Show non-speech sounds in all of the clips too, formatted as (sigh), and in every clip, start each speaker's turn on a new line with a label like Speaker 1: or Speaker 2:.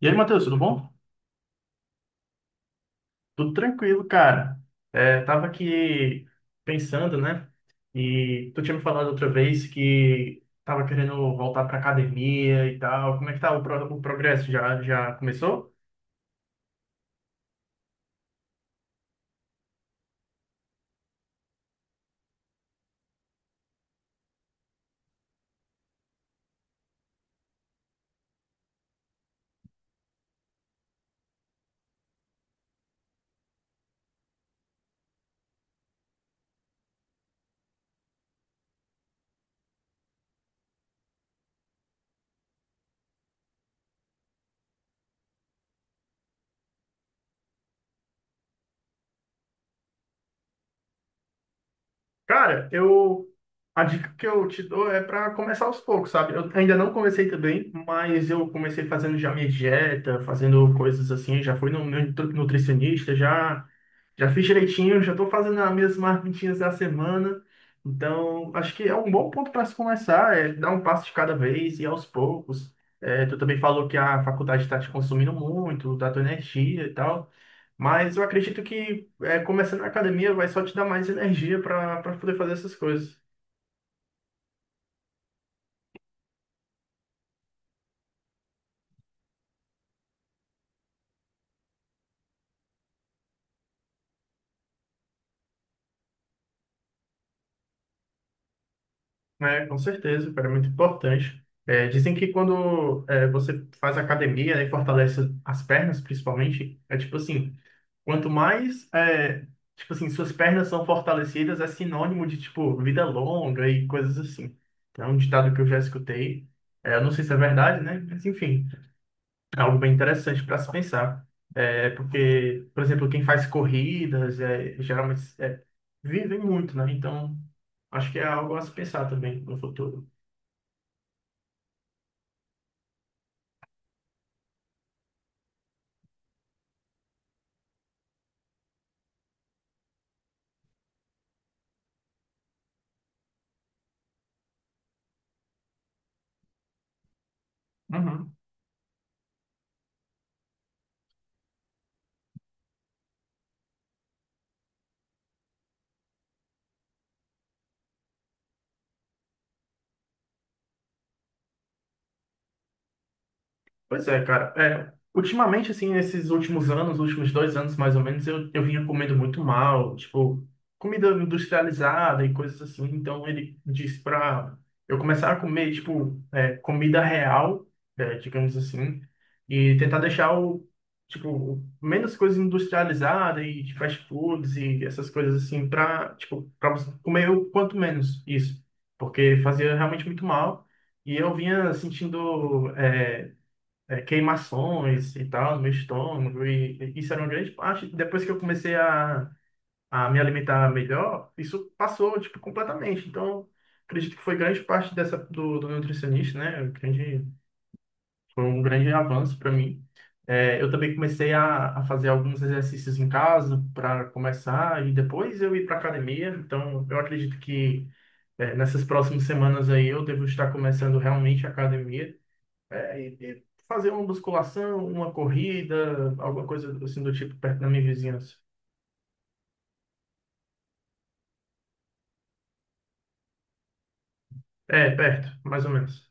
Speaker 1: E aí, Matheus, tudo bom? Tudo tranquilo, cara. Tava aqui pensando, né? E tu tinha me falado outra vez que tava querendo voltar pra academia e tal. Como é que tá o, o progresso? Já começou? Cara, eu a dica que eu te dou é para começar aos poucos, sabe? Eu ainda não comecei também, mas eu comecei fazendo já minha dieta, fazendo coisas assim, já fui no meu nutricionista, já fiz direitinho, já estou fazendo as minhas marmitinhas da semana. Então, acho que é um bom ponto para se começar, é dar um passo de cada vez e aos poucos. É, tu também falou que a faculdade está te consumindo muito, da tua energia e tal. Mas eu acredito que começando na academia vai só te dar mais energia para poder fazer essas coisas, né? Com certeza, cara, é muito importante. É, dizem que você faz academia né, e fortalece as pernas, principalmente, é tipo assim, quanto mais é, suas pernas são fortalecidas, é sinônimo de tipo vida longa e coisas assim. É um ditado que eu já escutei. É, eu não sei se é verdade, né? Mas enfim. É algo bem interessante para se pensar. É, porque, por exemplo, quem faz corridas geralmente vive muito, né? Então, acho que é algo a se pensar também no futuro. Uhum. Pois é, cara. É, ultimamente, assim, nesses últimos anos, últimos dois anos mais ou menos, eu vinha comendo muito mal, tipo, comida industrializada e coisas assim. Então ele disse pra eu começar a comer, tipo, é, comida real, é, digamos assim, e tentar deixar o, tipo, menos coisa industrializada e de fast foods e essas coisas assim, pra, tipo, pra você comer o quanto menos isso, porque fazia realmente muito mal. E eu vinha sentindo. Queimações e tal, no meu estômago, e isso era uma grande parte. Depois que eu comecei a me alimentar melhor, isso passou, tipo, completamente. Então, acredito que foi grande parte dessa do, do nutricionista, né? Foi um grande avanço para mim. É, eu também comecei a fazer alguns exercícios em casa para começar, e depois eu ir para academia. Então, eu acredito que é, nessas próximas semanas aí eu devo estar começando realmente a academia. É, e fazer uma musculação, uma corrida, alguma coisa assim do tipo perto da minha vizinhança. É, perto, mais ou menos.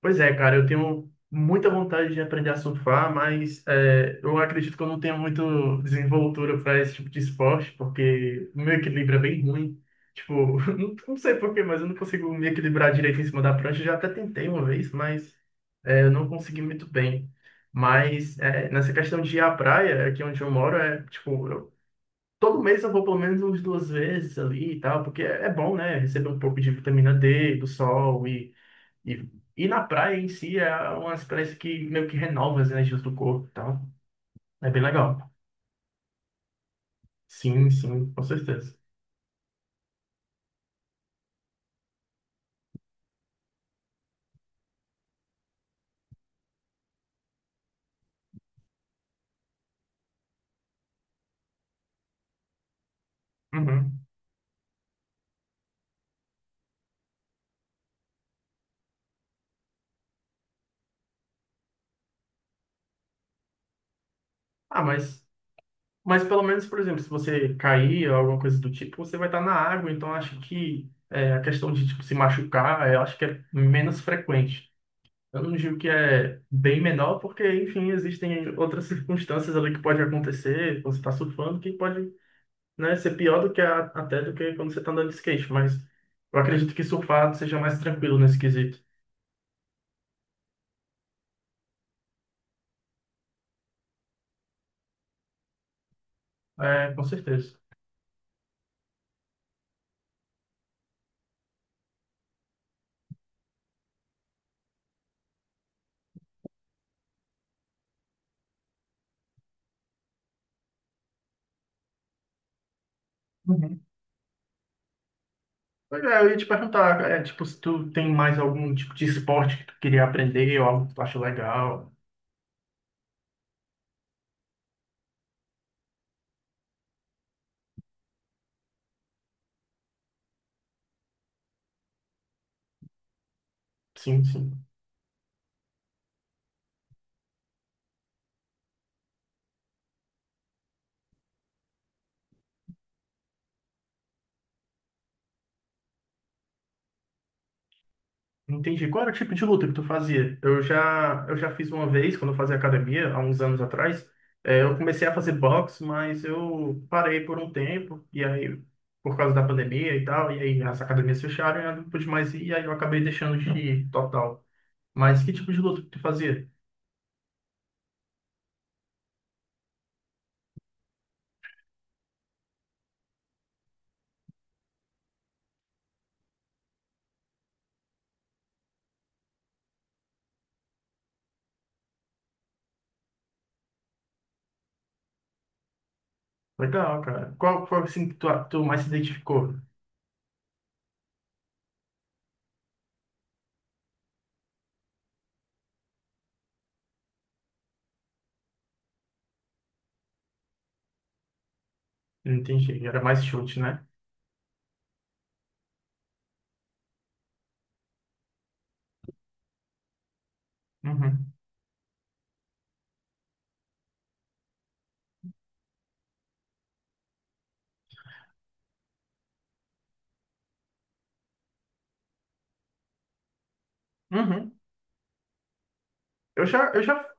Speaker 1: Pois é, cara, eu tenho muita vontade de aprender a surfar, mas é, eu acredito que eu não tenho muito desenvoltura para esse tipo de esporte, porque o meu equilíbrio é bem ruim. Tipo, (laughs) não, não sei por quê, mas eu não consigo me equilibrar direito em cima da prancha. Eu já até tentei uma vez, mas é, eu não consegui muito bem. Mas é, nessa questão de ir à praia, aqui onde eu moro, é tipo, todo mês eu vou pelo menos umas duas vezes ali e tal, porque é bom, né? Receber um pouco de vitamina D, do sol e, e na praia em si é uma experiência que meio que renova as energias do corpo e tal. É bem legal. Sim, sim, com certeza. Uhum. Ah, mas pelo menos, por exemplo, se você cair ou alguma coisa do tipo, você vai estar na água, então acho que é, a questão de tipo, se machucar, eu acho que é menos frequente. Eu não digo que é bem menor, porque, enfim, existem outras circunstâncias ali que pode acontecer quando você está surfando, que pode, né, ser pior do que até do que quando você está andando de skate, mas eu acredito que surfar seja mais tranquilo nesse quesito. É, com certeza. Uhum. Pois é, eu ia te perguntar, é, tipo, se tu tem mais algum tipo de esporte que tu queria aprender ou algo que tu acha legal. Sim, sim. Entendi. Qual era o tipo de luta que tu fazia? Eu já fiz uma vez, quando eu fazia academia, há uns anos atrás. É, eu comecei a fazer boxe, mas eu parei por um tempo, e aí, por causa da pandemia e tal, e aí as academias fecharam, eu não pude mais ir, e aí eu acabei deixando de ir total. Mas que tipo de luta que tu fazia? Legal, cara. Qual foi assim que tu mais se identificou? Entendi. Era mais chute, né? Uhum. Uhum. Eu já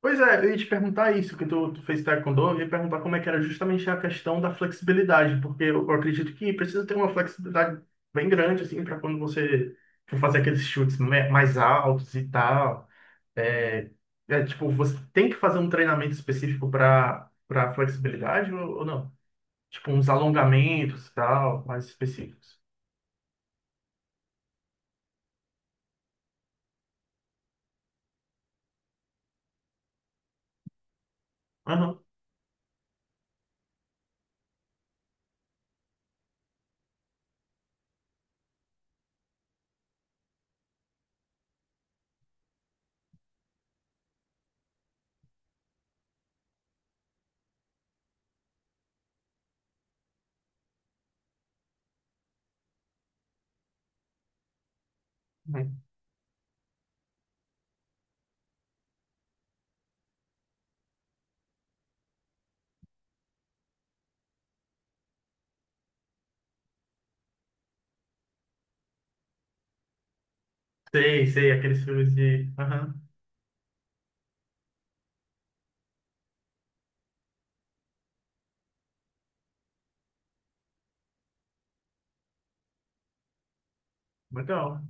Speaker 1: Pois é, eu ia te perguntar isso, que tu fez taekwondo, eu ia perguntar como é que era justamente a questão da flexibilidade, porque eu acredito que precisa ter uma flexibilidade bem grande, assim, para quando você for fazer aqueles chutes mais altos e tal. É, tipo, você tem que fazer um treinamento específico para flexibilidade ou não? Tipo, uns alongamentos e tal, mais específicos. Aham. Uhum. Sei, sei, aqueles filmes de... Aham. Legal.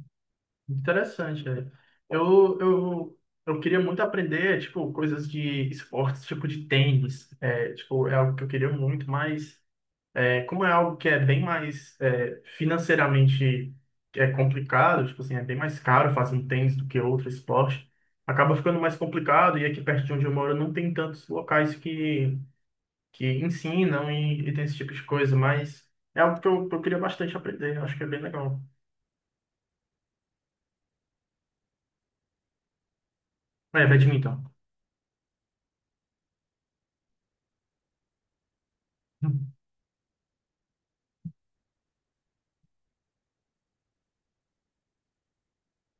Speaker 1: Interessante, cara. Eu, eu, eu queria muito aprender, tipo, coisas de esportes, tipo de tênis. É, tipo, é algo que eu queria muito, mas é, como é algo que é bem mais é, financeiramente é complicado, tipo assim, é bem mais caro fazer um tênis do que outro esporte, acaba ficando mais complicado e aqui perto de onde eu moro não tem tantos locais que ensinam e tem esse tipo de coisa, mas é algo que que eu queria bastante aprender, eu acho que é bem legal. É, badminton. (laughs)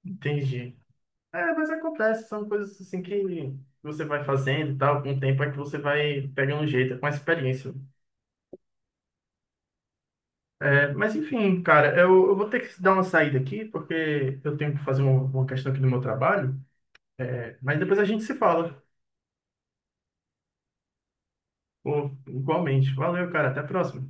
Speaker 1: Entendi. É, mas acontece, são coisas assim que você vai fazendo e tal, com o tempo é que você vai pegando um jeito, é com a experiência. É, mas enfim, cara, eu vou ter que dar uma saída aqui, porque eu tenho que fazer uma questão aqui do meu trabalho, é, mas depois a gente se fala. Pô, igualmente. Valeu, cara, até a próxima.